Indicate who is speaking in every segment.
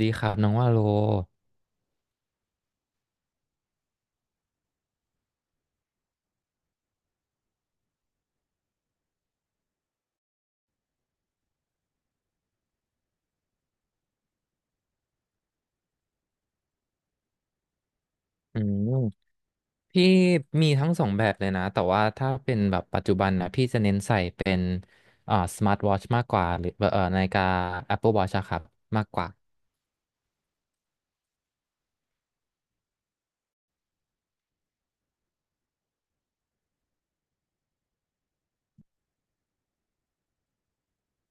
Speaker 1: ดีครับน้องว่าโลอืมพี่มีทั้งสองแบบเลยนะแต่ว่าถ้าเป็นแบบปัจจุบันนะพี่จะเน้นใส่เป็นสมาร์ทวอทชมากกว่าหรือนาฬิกา Apple Watch อะครับมากกว่า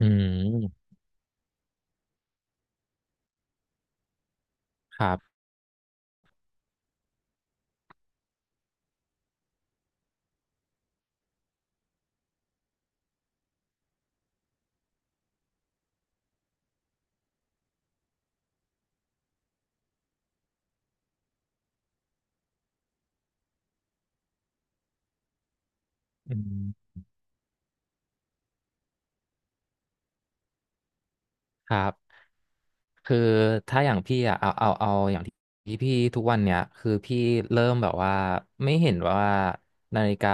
Speaker 1: อืม ครับอืมครับ คือถ้าอย่างพี่อะเอาอย่างที่พี่ทุกวันเนี้ยคือพี่เริ่มแบบว่าไม่เห็นว่านาฬิกา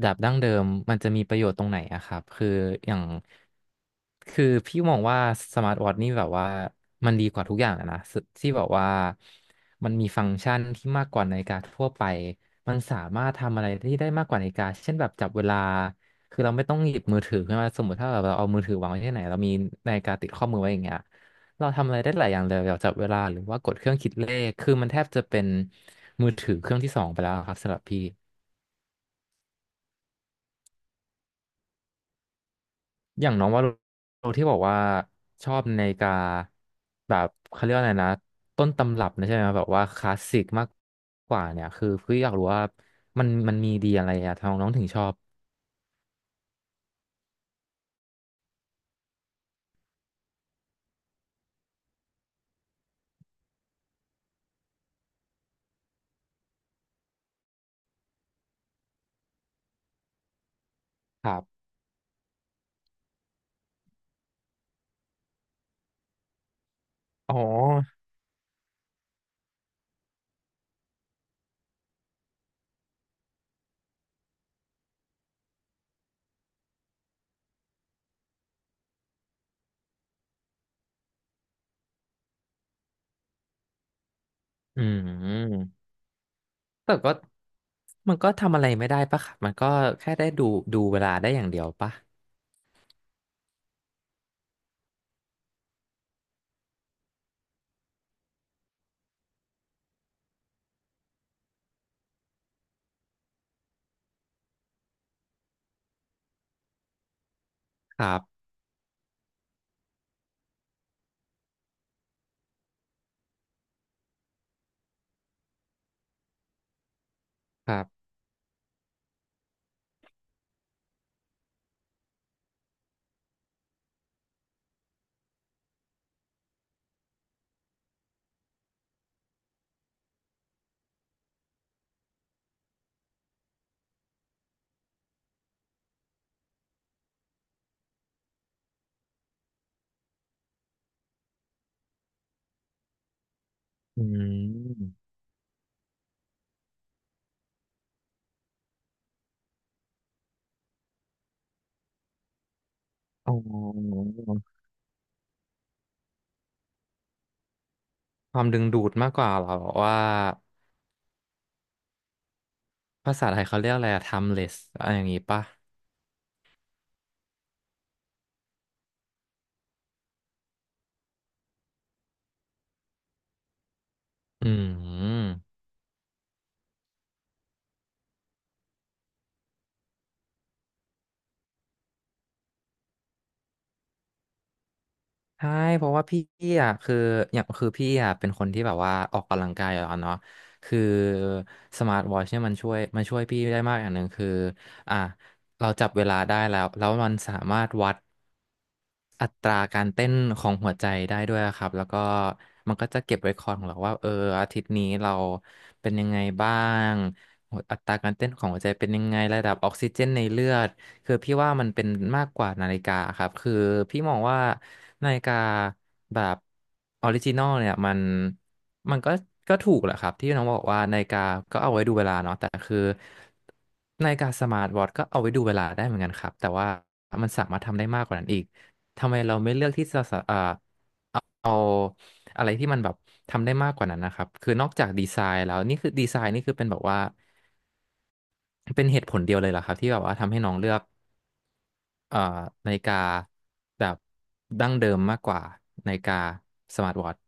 Speaker 1: แบบดั้งเดิมมันจะมีประโยชน์ตรงไหนอะครับคืออย่างคือพี่มองว่าสมาร์ทวอทช์นี่แบบว่ามันดีกว่าทุกอย่างอะนะสที่แบบว่ามันมีฟังก์ชันที่มากกว่านาฬิกาทั่วไปมันสามารถทำอะไรที่ได้มากกว่านาฬิกาเช่นแบบจับเวลาคือเราไม่ต้องหยิบมือถือขึ้นมาสมมติถ้าแบบเราเอามือถือวางไว้ที่ไหนเรามีนาฬิกาติดข้อมือไว้อย่างเงี้ย เราทำอะไรได้หลายอย่างเลยแบบจับเวลาหรือว่ากดเครื่องคิดเลขคือมันแทบจะเป็นมือถือเครื่องที่สองไปแล้วครับสำหรับพี่อย่างน้องว่าโรที่บอกว่าชอบนาฬิกาแบบเขาเรียกว่าอะไรนะต้นตำรับนะใช่ไหมแบบว่าคลาสสิกมากกว่าเนี่ยคือพี่อยากรู้ว่ามันมีดีอะไรอะทำไมน้องถึงชอบครับอ๋ออืมแต่ก็มันก็ทำอะไรไม่ได้ปะครับมันก็แค่ได้ดูดูเวลาได้อย่างเดียวปะครับครับอืม อ๋อความดึงดูดมากกว่าเหรอว่าภาษาไทยเขาเรียกอะไรอะ timeless อะไรอย่างงี้ปะอืมใช่เพราะว่าพี่อ่ะคืออย่างคือพี่อ่ะเป็นคนที่แบบว่าออกกำลังกายอยู่แล้วเนาะคือสมาร์ทวอทช์เนี่ยมันช่วยพี่ได้มากอย่างหนึ่งคืออ่ะเราจับเวลาได้แล้วแล้วมันสามารถวัด อัตราการเต้นของหัวใจได้ด้วยครับแล้วก็มันก็จะเก็บไว้คอร์ดของเราว่าเอออาทิตย์นี้เราเป็นยังไงบ้างหัวอัตราการเต้นของหัวใจเป็นยังไงระดับออกซิเจนในเลือดคือพี่ว่ามันเป็นมากกว่านาฬิกาครับคือพี่มองว่านาฬิกาแบบออริจินอลเนี่ยมันก็ถูกแหละครับที่น้องบอกว่านาฬิกาก็เอาไว้ดูเวลาเนาะแต่คือนาฬิกาสมาร์ทวอทช์ก็เอาไว้ดูเวลาได้เหมือนกันครับแต่ว่ามันสามารถทำได้มากกว่านั้นอีก ทำไมเราไม่เลือกที่จะสะเอาอะไรที่มันแบบทำได้มากกว่านั้นนะครับคือนอกจากดีไซน์แล้วนี่คือดีไซน์นี่คือเป็นแบบว่าเป็นเหตุผลเดียวเลยเหรอครับที่แบบว่าทำให้น้องเลือกเอ่อนาฬิกาแบบดั้งเดิมมากกว่านาฬิกาสมาร์ทวอทช์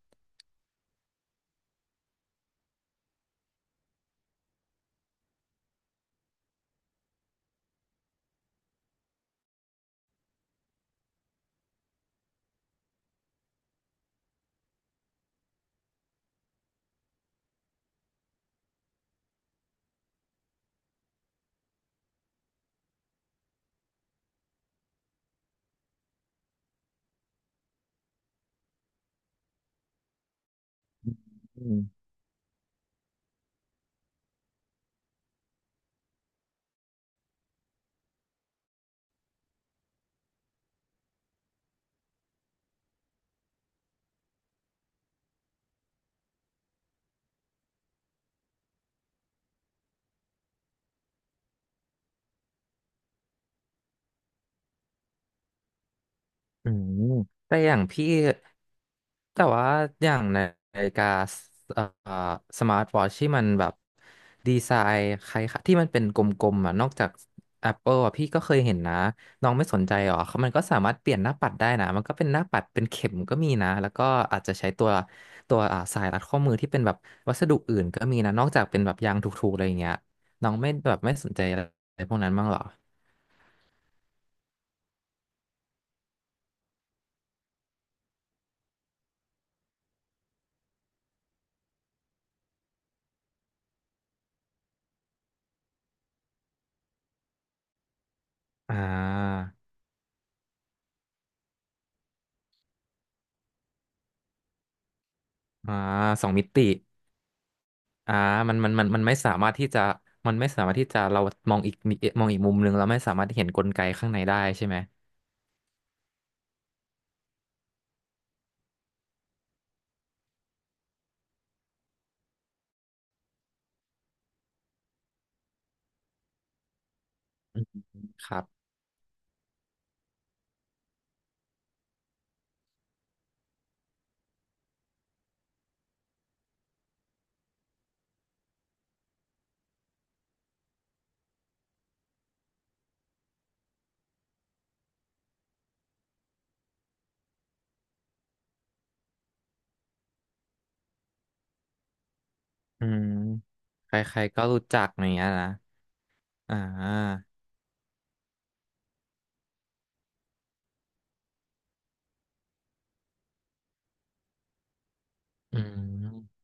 Speaker 1: อืมอืมแต่อย่างพี่ แต่ว่าอย่างในนาฬิกาสเอ่อสมาร์ทวอทที่มันแบบดีไซน์คล้ายๆที่มันเป็นกลมๆอ่ะนอกจาก Apple อ่ะพี่ก็เคยเห็นนะน้องไม่สนใจหรอเขามันก็สามารถเปลี่ยนหน้าปัดได้นะมันก็เป็นหน้าปัดเป็นเข็มก็มีนะแล้วก็อาจจะใช้ตัวอ่าสายรัดข้อมือที่เป็นแบบวัสดุอื่นก็มีนะนอกจากเป็นแบบยางถูกๆอะไรอย่างเงี้ยน้องไม่แบบไม่สนใจอะไรพวกนั้นบ้างหรออ่าอ่าสองมิติ อ่ามันไม่สามารถที่จะมันไม่สามารถที่จะเรามองอีกนิมองอีกมุมหนึ่งเราไม่สามารถที่เห็นกลไกข้างในได้ใช่ไหมอืมครับอืมใครๆก็รู้จักอย่างเงี้ยนะอ่าอืม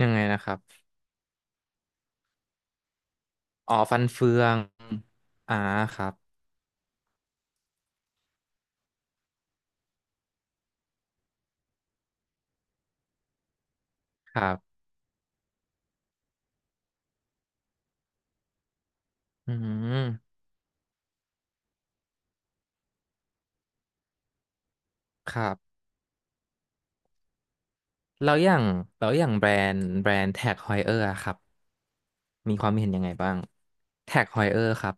Speaker 1: ยังไงนะครับอ๋อฟันเฟืองอ่าครับครับอืมครับแล้วอย่างแล้วอย่างแบรนด์แท็กฮอยเออร์ครับมีความเห็นยังไงบ้างแท็กฮอยเออร์ครับ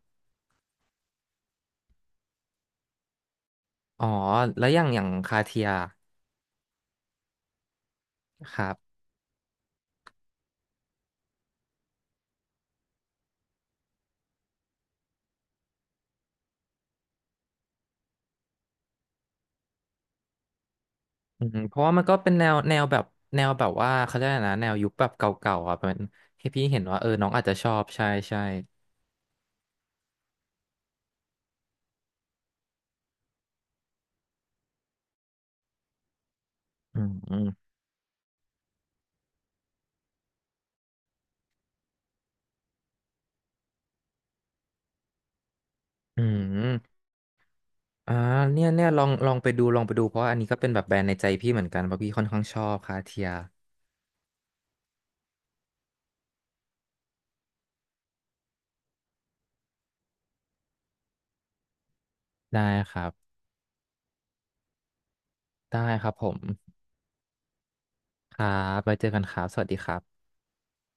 Speaker 1: อ๋อแล้วอย่างอย่างคาเทียครับ อืมเพราะว่ามันก็เป็นแนวแบบแนวแบบว่าเขาเรียกอะไรนะแนวยุคแบบเก่าๆอ่ะเป็นให้พี่เห็นว่าเออน้องอาจจะชอบใช่ใช่อืมอืมอืมอ่าเนี่ยลองไปดูเพราะว่าอันนี้ก็เป็นแบบแบรนด์ในใจพี่เหมือนกันเพราะพี่ค่อนข้างชอบคาเทียได้ครับได้ครับผมครับไว้เจอกันครับสวัสดีครับ